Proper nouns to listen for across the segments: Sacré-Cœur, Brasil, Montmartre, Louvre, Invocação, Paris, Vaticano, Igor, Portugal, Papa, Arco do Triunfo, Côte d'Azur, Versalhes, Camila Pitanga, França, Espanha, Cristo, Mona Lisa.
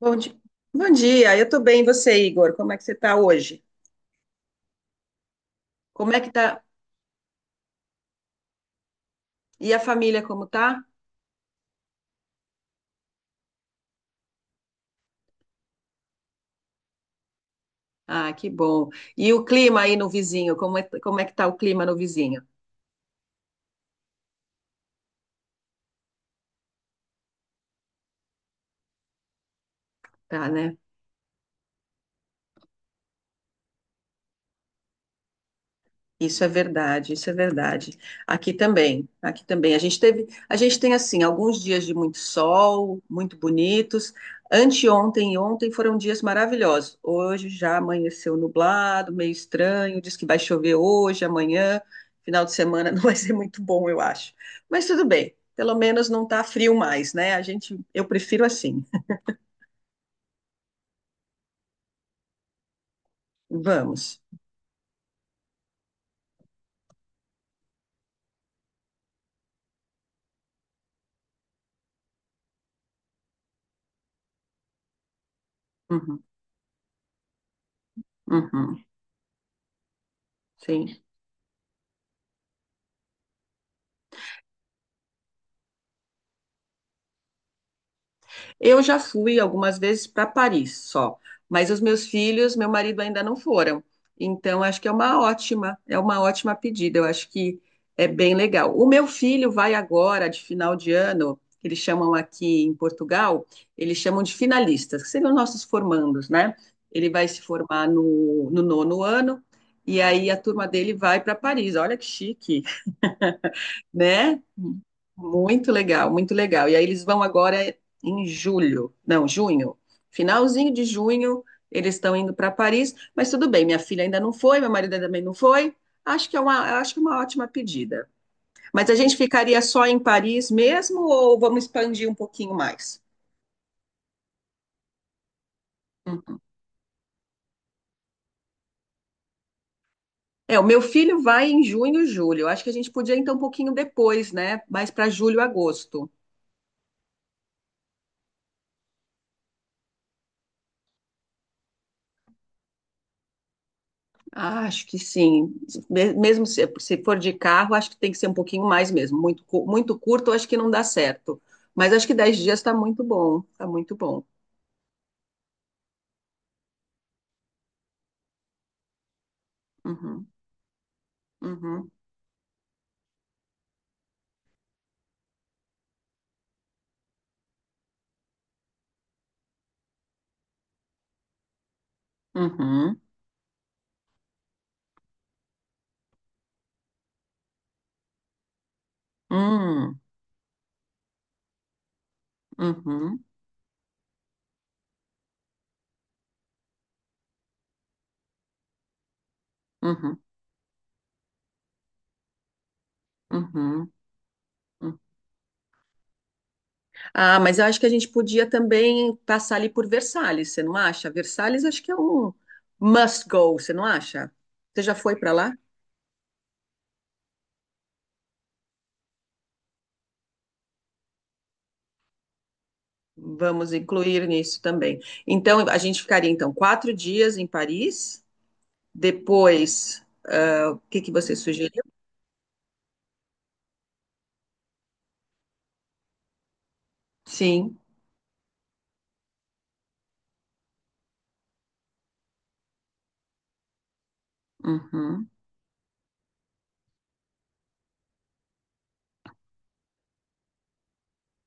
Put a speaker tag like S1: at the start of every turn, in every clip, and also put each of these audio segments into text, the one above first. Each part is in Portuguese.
S1: Bom dia. Bom dia, eu tô bem, e você, Igor? Como é que você tá hoje? Como é que tá? E a família, como tá? Ah, que bom. E o clima aí no vizinho, como é que tá o clima no vizinho? Tá, né? Isso é verdade. Aqui também. A gente tem assim, alguns dias de muito sol, muito bonitos. Anteontem e ontem foram dias maravilhosos. Hoje já amanheceu nublado, meio estranho, diz que vai chover hoje, amanhã, final de semana não vai ser muito bom, eu acho. Mas tudo bem, pelo menos não tá frio mais, né? Eu prefiro assim. Vamos. Uhum, uhum, sim. Eu já fui algumas vezes para Paris só, mas os meus filhos, meu marido ainda não foram. Então, acho que é uma ótima pedida. Eu acho que é bem legal. O meu filho vai agora, de final de ano, que eles chamam aqui em Portugal, eles chamam de finalistas, que seriam nossos formandos, né? Ele vai se formar no nono ano, e aí a turma dele vai para Paris. Olha que chique! Né? Muito legal, muito legal. E aí eles vão agora em julho, não, junho, finalzinho de junho, eles estão indo para Paris, mas tudo bem, minha filha ainda não foi, meu marido também não foi. Acho que é uma, acho que é uma ótima pedida. Mas a gente ficaria só em Paris mesmo ou vamos expandir um pouquinho mais? Hum. É, o meu filho vai em junho, julho. Acho que a gente podia então um pouquinho depois, né? Mais para julho, agosto. Acho que sim. Me- Mesmo se, se for de carro, acho que tem que ser um pouquinho mais mesmo. Muito curto, acho que não dá certo. Mas acho que dez dias está muito bom. Está muito bom. Uhum, uhum, uhum, hum, uhum, uhum, uhum, uhum. Ah, mas eu acho que a gente podia também passar ali por Versalhes, você não acha? Versalhes acho que é um must go, você não acha? Você já foi para lá? Vamos incluir nisso também. Então, a gente ficaria então quatro dias em Paris. Depois, ah, o que que você sugeriu? Sim. Uhum,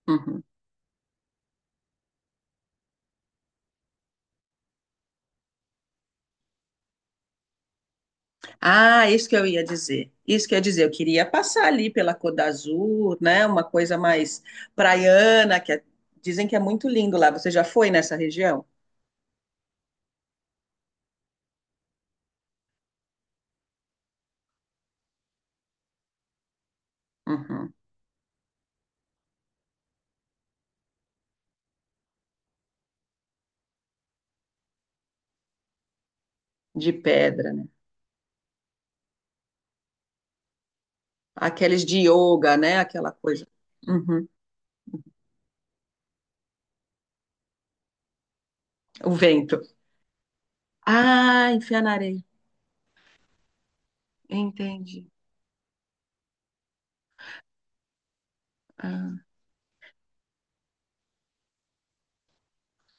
S1: uhum. Isso que eu ia dizer, eu queria passar ali pela Côte d'Azur, né? Uma coisa mais praiana, que é- Dizem que é muito lindo lá. Você já foi nessa região? Uhum. De pedra, né? Aqueles de yoga, né? Aquela coisa. Uhum. O vento. Ah, enfiar na areia. Entendi. Ah.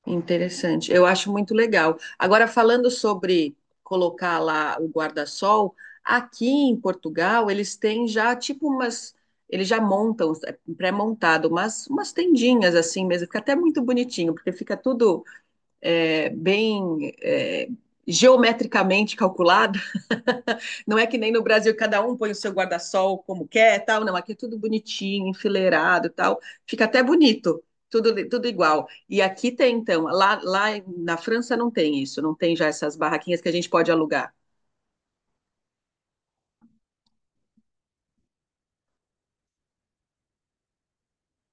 S1: Interessante. Eu acho muito legal. Agora, falando sobre colocar lá o guarda-sol, aqui em Portugal eles têm já tipo umas. Eles já montam, é pré-montado, umas tendinhas assim mesmo. Fica até muito bonitinho, porque fica tudo é, bem é, geometricamente calculado. Não é que nem no Brasil, cada um põe o seu guarda-sol como quer, tal. Não, aqui é tudo bonitinho, enfileirado, tal. Fica até bonito, tudo igual. E aqui tem, então, lá na França não tem isso, não tem já essas barraquinhas que a gente pode alugar.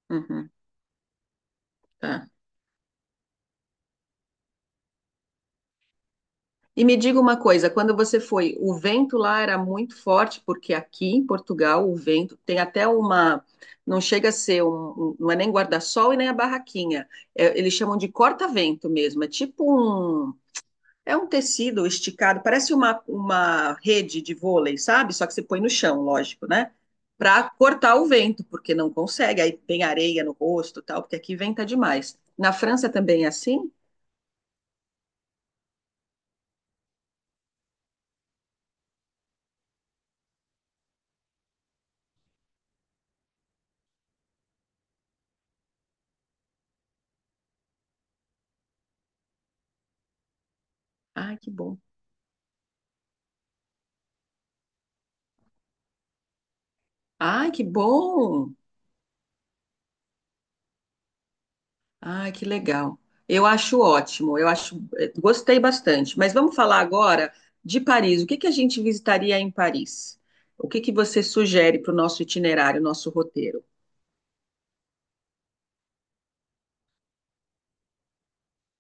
S1: Uhum, tá. E me diga uma coisa, quando você foi, o vento lá era muito forte, porque aqui em Portugal o vento tem até uma, não chega a ser um, um- não é nem guarda-sol e nem a barraquinha. É, eles chamam de corta-vento mesmo, é tipo um. É um tecido esticado, parece uma rede de vôlei, sabe? Só que você põe no chão, lógico, né? Para cortar o vento, porque não consegue. Aí tem areia no rosto, e tal, porque aqui venta demais. Na França também é assim? Ai, que bom. Ai, que bom! Ah, que legal. Eu acho ótimo, eu acho, gostei bastante. Mas vamos falar agora de Paris. O que que a gente visitaria em Paris? O que que você sugere para o nosso itinerário, nosso roteiro?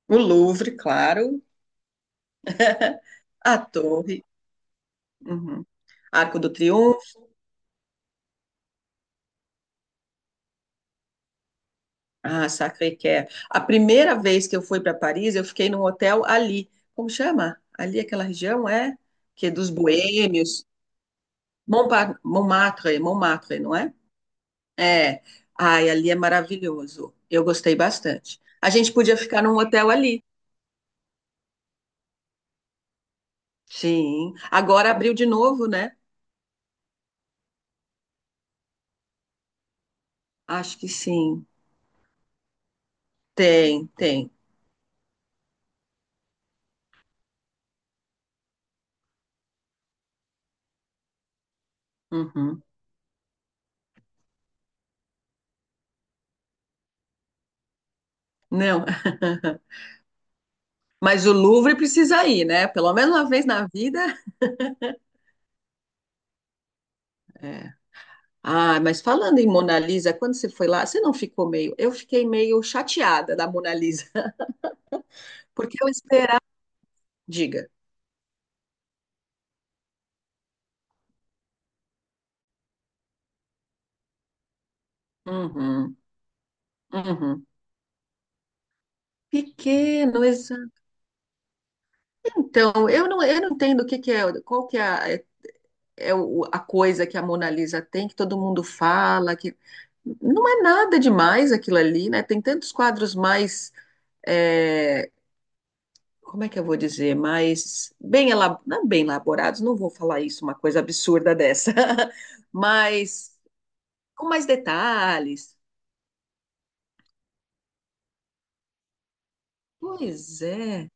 S1: O Louvre, claro, a Torre. Uhum. Arco do Triunfo, ah, Sacré-Cœur. A primeira vez que eu fui para Paris, eu fiquei num hotel ali. Como chama? Ali aquela região é que é dos boêmios, Montmartre, Montmartre, não é? É, ai, ali é maravilhoso. Eu gostei bastante. A gente podia ficar num hotel ali. Sim. Agora abriu de novo, né? Acho que sim. Tem, tem. Uhum. Não. Mas o Louvre precisa ir, né? Pelo menos uma vez na vida. É. Ah, mas falando em Mona Lisa, quando você foi lá, você não ficou meio. Eu fiquei meio chateada da Mona Lisa, porque eu esperava. Diga. Uhum, uhum. Pequeno. Então, eu não entendo o que que é, qual que é, a- é é o- a coisa que a Mona Lisa tem, que todo mundo fala, que não é nada demais aquilo ali, né? Tem tantos quadros mais, é, como é que eu vou dizer, mais bem, não é bem elaborados, não vou falar isso, uma coisa absurda dessa, mas com mais detalhes. Pois é.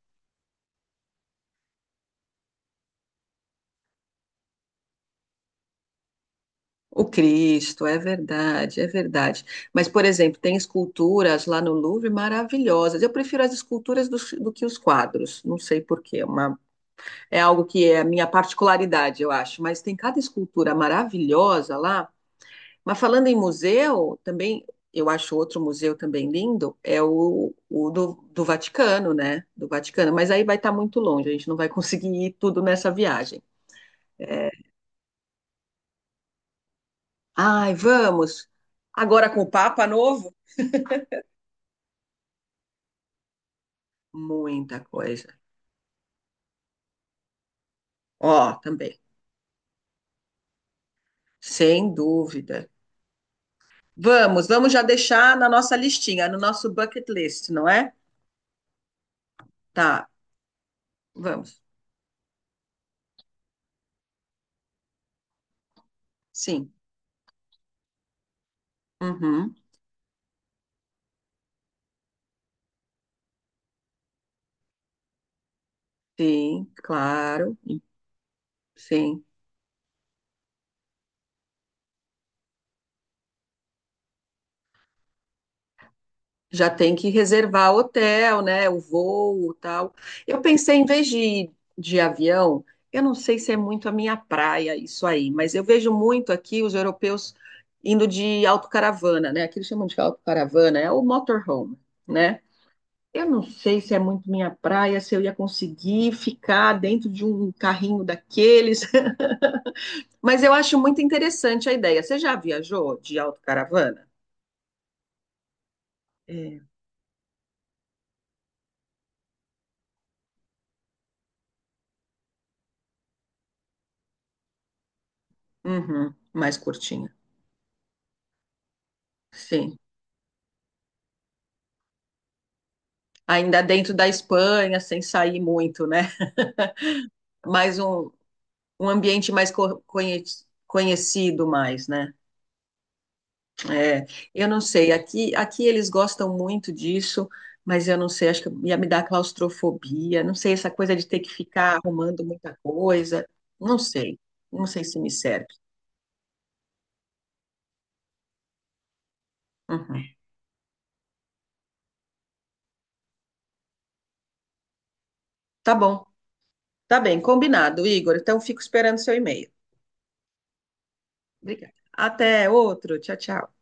S1: O Cristo, é verdade, é verdade. Mas, por exemplo, tem esculturas lá no Louvre maravilhosas. Eu prefiro as esculturas do que os quadros. Não sei por quê. É algo que é a minha particularidade, eu acho. Mas tem cada escultura maravilhosa lá. Mas falando em museu, também eu acho outro museu também lindo, é o do Vaticano, né? Do Vaticano. Mas aí vai estar muito longe, a gente não vai conseguir ir tudo nessa viagem. É. Ai, vamos! Agora com o Papa novo? Muita coisa. Ó, também, sem dúvida. Vamos, vamos já deixar na nossa listinha, no nosso bucket list, não é? Tá, vamos. Sim. Uhum. Sim, claro. Sim. Já tem que reservar hotel, né? O voo, tal. Eu pensei, em vez de ir de avião, eu não sei se é muito a minha praia isso aí, mas eu vejo muito aqui os europeus indo de autocaravana, né? Aqui eles chamam de autocaravana, é o motorhome, né? Eu não sei se é muito minha praia, se eu ia conseguir ficar dentro de um carrinho daqueles, mas eu acho muito interessante a ideia. Você já viajou de autocaravana? É. Uhum, mais curtinha. Sim. Ainda dentro da Espanha, sem sair muito, né? Mais um, um ambiente mais conhecido mais, né? É, eu não sei, aqui eles gostam muito disso, mas eu não sei, acho que ia me dar claustrofobia, não sei, essa coisa de ter que ficar arrumando muita coisa, não sei, não sei se me serve. Uhum. Tá bom, tá bem, combinado, Igor, então fico esperando seu e-mail. Obrigada. Até outro, tchau, tchau.